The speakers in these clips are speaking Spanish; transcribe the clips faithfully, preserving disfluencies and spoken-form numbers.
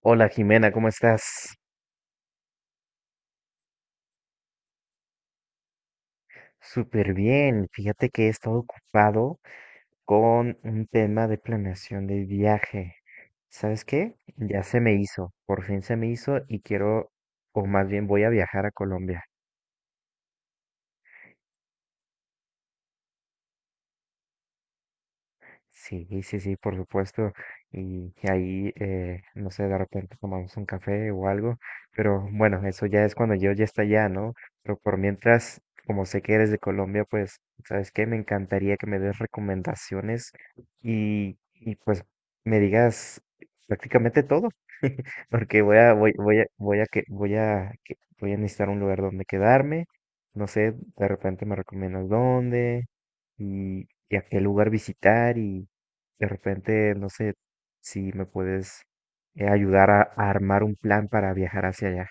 Hola Jimena, ¿cómo estás? Súper bien. Fíjate que he estado ocupado con un tema de planeación de viaje. ¿Sabes qué? Ya se me hizo, por fin se me hizo y quiero, o más bien voy a viajar a Colombia. Sí, sí, sí, por supuesto. Y que ahí, eh, no sé, de repente tomamos un café o algo. Pero bueno, eso ya es cuando yo ya está allá, ¿no? Pero por mientras, como sé que eres de Colombia, pues, ¿sabes qué? Me encantaría que me des recomendaciones y, y pues me digas prácticamente todo. Porque voy a, voy, voy a, voy a que, voy a, que- voy a necesitar un lugar donde quedarme. No sé, de repente me recomiendas dónde y a qué lugar visitar y de repente, no sé si me puedes eh, ayudar a, a armar un plan para viajar hacia allá.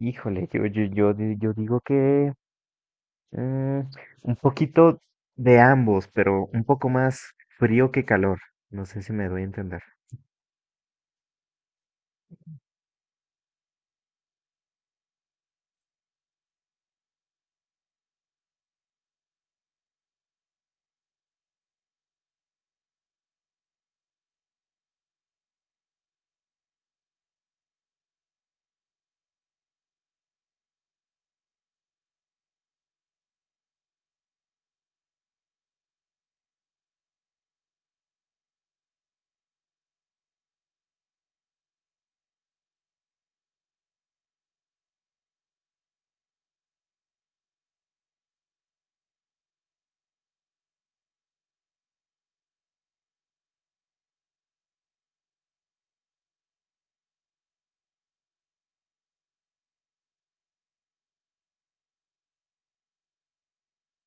Híjole, yo, yo, yo, di- yo digo que mm, un poquito de ambos, pero un poco más frío que calor. No sé si me doy a entender.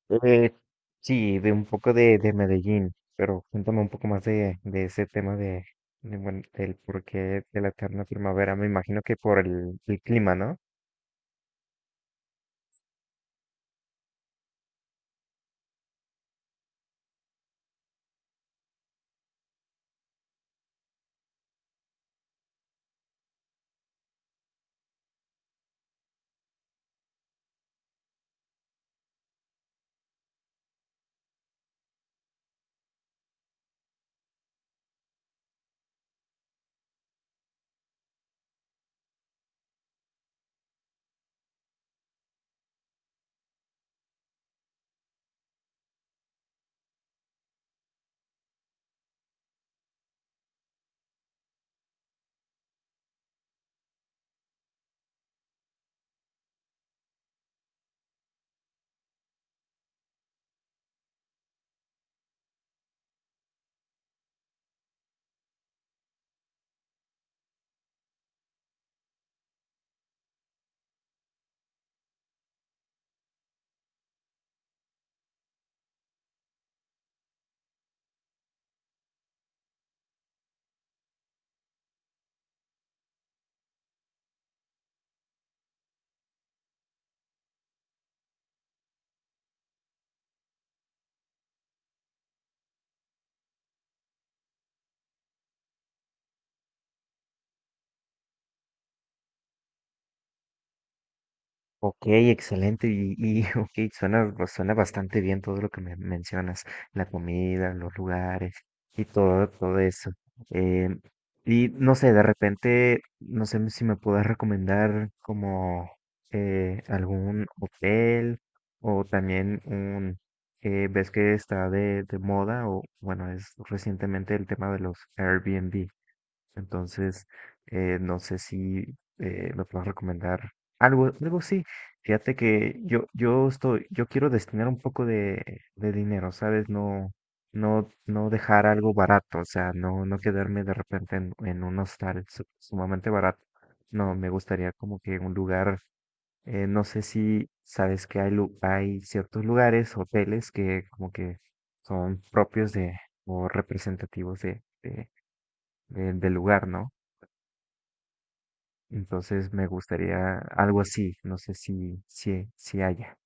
Eh, sí, de un poco de, de Medellín, pero cuéntame un poco más de, de ese tema de, de, bueno, del porqué de la eterna primavera. Me imagino que por el, el clima, ¿no? Ok, excelente. Y, y ok, suena, suena bastante bien todo lo que me mencionas, la comida, los lugares y todo, todo eso. Eh, y no sé, de repente, no sé si me puedes recomendar como eh, algún hotel o también un, eh, ves que está de, de moda o bueno, es recientemente el tema de los Airbnb. Entonces, eh, no sé si eh, me puedes recomendar algo, algo sí. Fíjate que yo, yo estoy, yo quiero destinar un poco de, de dinero, ¿sabes? No, no, no dejar algo barato, o sea, no, no quedarme de repente en, en un hostal su- sumamente barato. No, me gustaría como que un lugar, eh, no sé si sabes que hay, lu- hay ciertos lugares, hoteles que como que son propios de, o representativos de, de, de- del lugar, ¿no? Entonces me gustaría algo así, no sé si, si, si haya.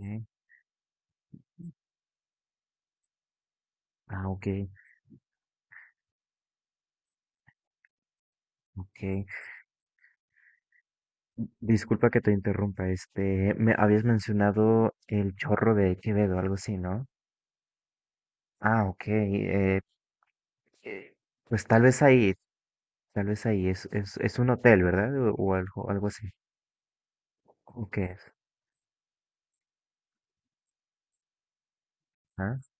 ¿Eh? Ah, ok, ok. Disculpa que te interrumpa, este, me habías mencionado el Chorro de Quevedo, algo así, ¿no? Ah, ok, eh, eh, pues tal vez ahí, tal vez ahí, es, es, es un hotel, ¿verdad? O, o algo, algo así. Ok, ah,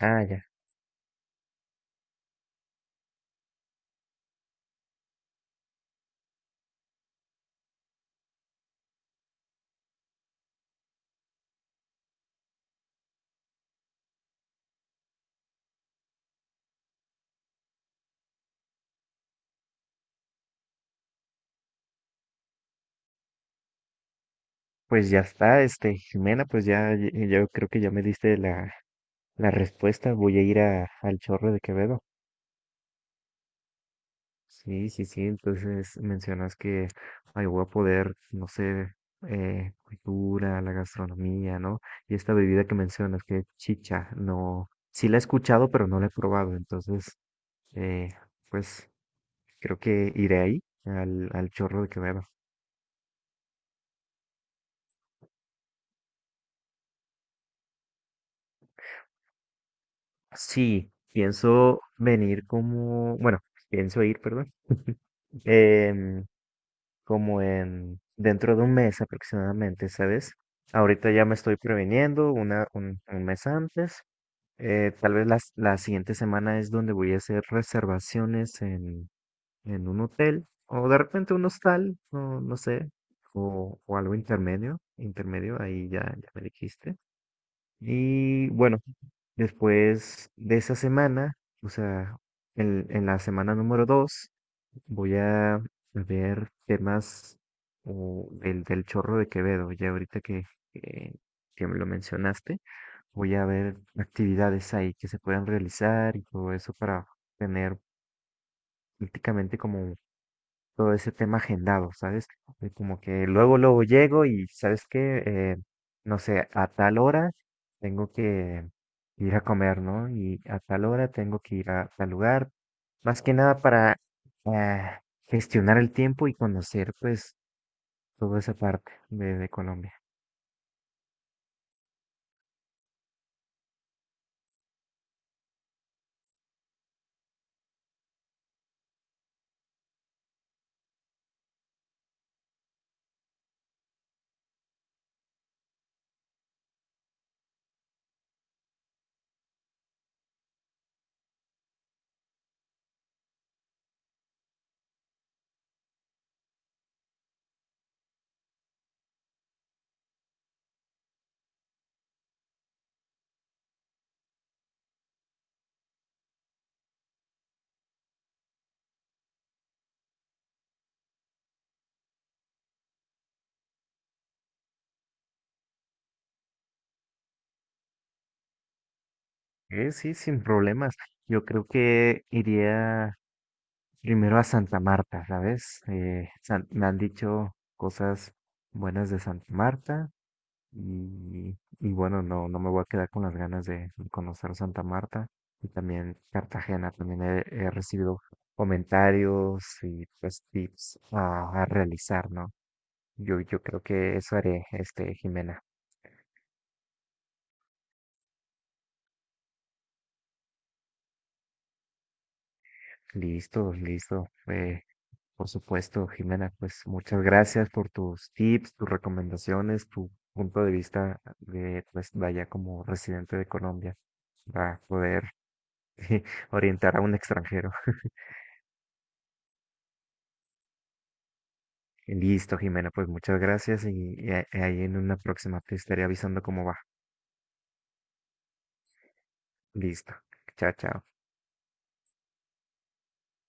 ah, ya. Pues ya está, este, Jimena, pues ya, ya- yo creo que ya me diste la, la respuesta, voy a ir a, al Chorro de Quevedo. Sí, sí, sí. Entonces mencionas que ahí voy a poder, no sé, eh, cultura, la gastronomía, ¿no? Y esta bebida que mencionas, que es chicha, no, sí la he escuchado, pero no la he probado. Entonces, eh, pues creo que iré ahí al, al Chorro de Quevedo. Sí, pienso venir como, bueno, pienso ir, perdón, em, como en dentro de un mes aproximadamente, ¿sabes? Ahorita ya me estoy previniendo una, un, un mes antes. Eh, tal vez las la siguiente semana es donde voy a hacer reservaciones en, en un hotel o de repente un hostal, no, no sé, o, o algo intermedio, intermedio, ahí ya, ya me dijiste. Y bueno, después de esa semana, o sea, en, en la semana número dos, voy a ver temas o del, del Chorro de Quevedo, ya ahorita que, que, que me lo mencionaste, voy a ver actividades ahí que se puedan realizar y todo eso para tener prácticamente como todo ese tema agendado, ¿sabes? Y como que luego, luego llego y, ¿sabes qué? Eh, no sé, a tal hora tengo que ir a comer, ¿no? Y a tal hora tengo que ir a tal lugar, más que nada para eh, gestionar el tiempo y conocer, pues, toda esa parte de, de Colombia. Eh, sí, sin problemas. Yo creo que iría primero a Santa Marta, ¿sabes? Eh, san- me han dicho cosas buenas de Santa Marta y, y bueno, no, no me voy a quedar con las ganas de conocer Santa Marta y también Cartagena. También he, he recibido comentarios y pues tips a, a realizar, ¿no? Yo, yo creo que eso haré, este, Jimena. Listo, listo. Eh, Por supuesto, Jimena, pues muchas gracias por tus tips, tus recomendaciones, tu punto de vista de, pues, vaya como residente de Colombia para poder orientar a un extranjero. Listo, Jimena, pues muchas gracias y, y ahí en una próxima te estaré avisando cómo va. Listo. Chao, chao.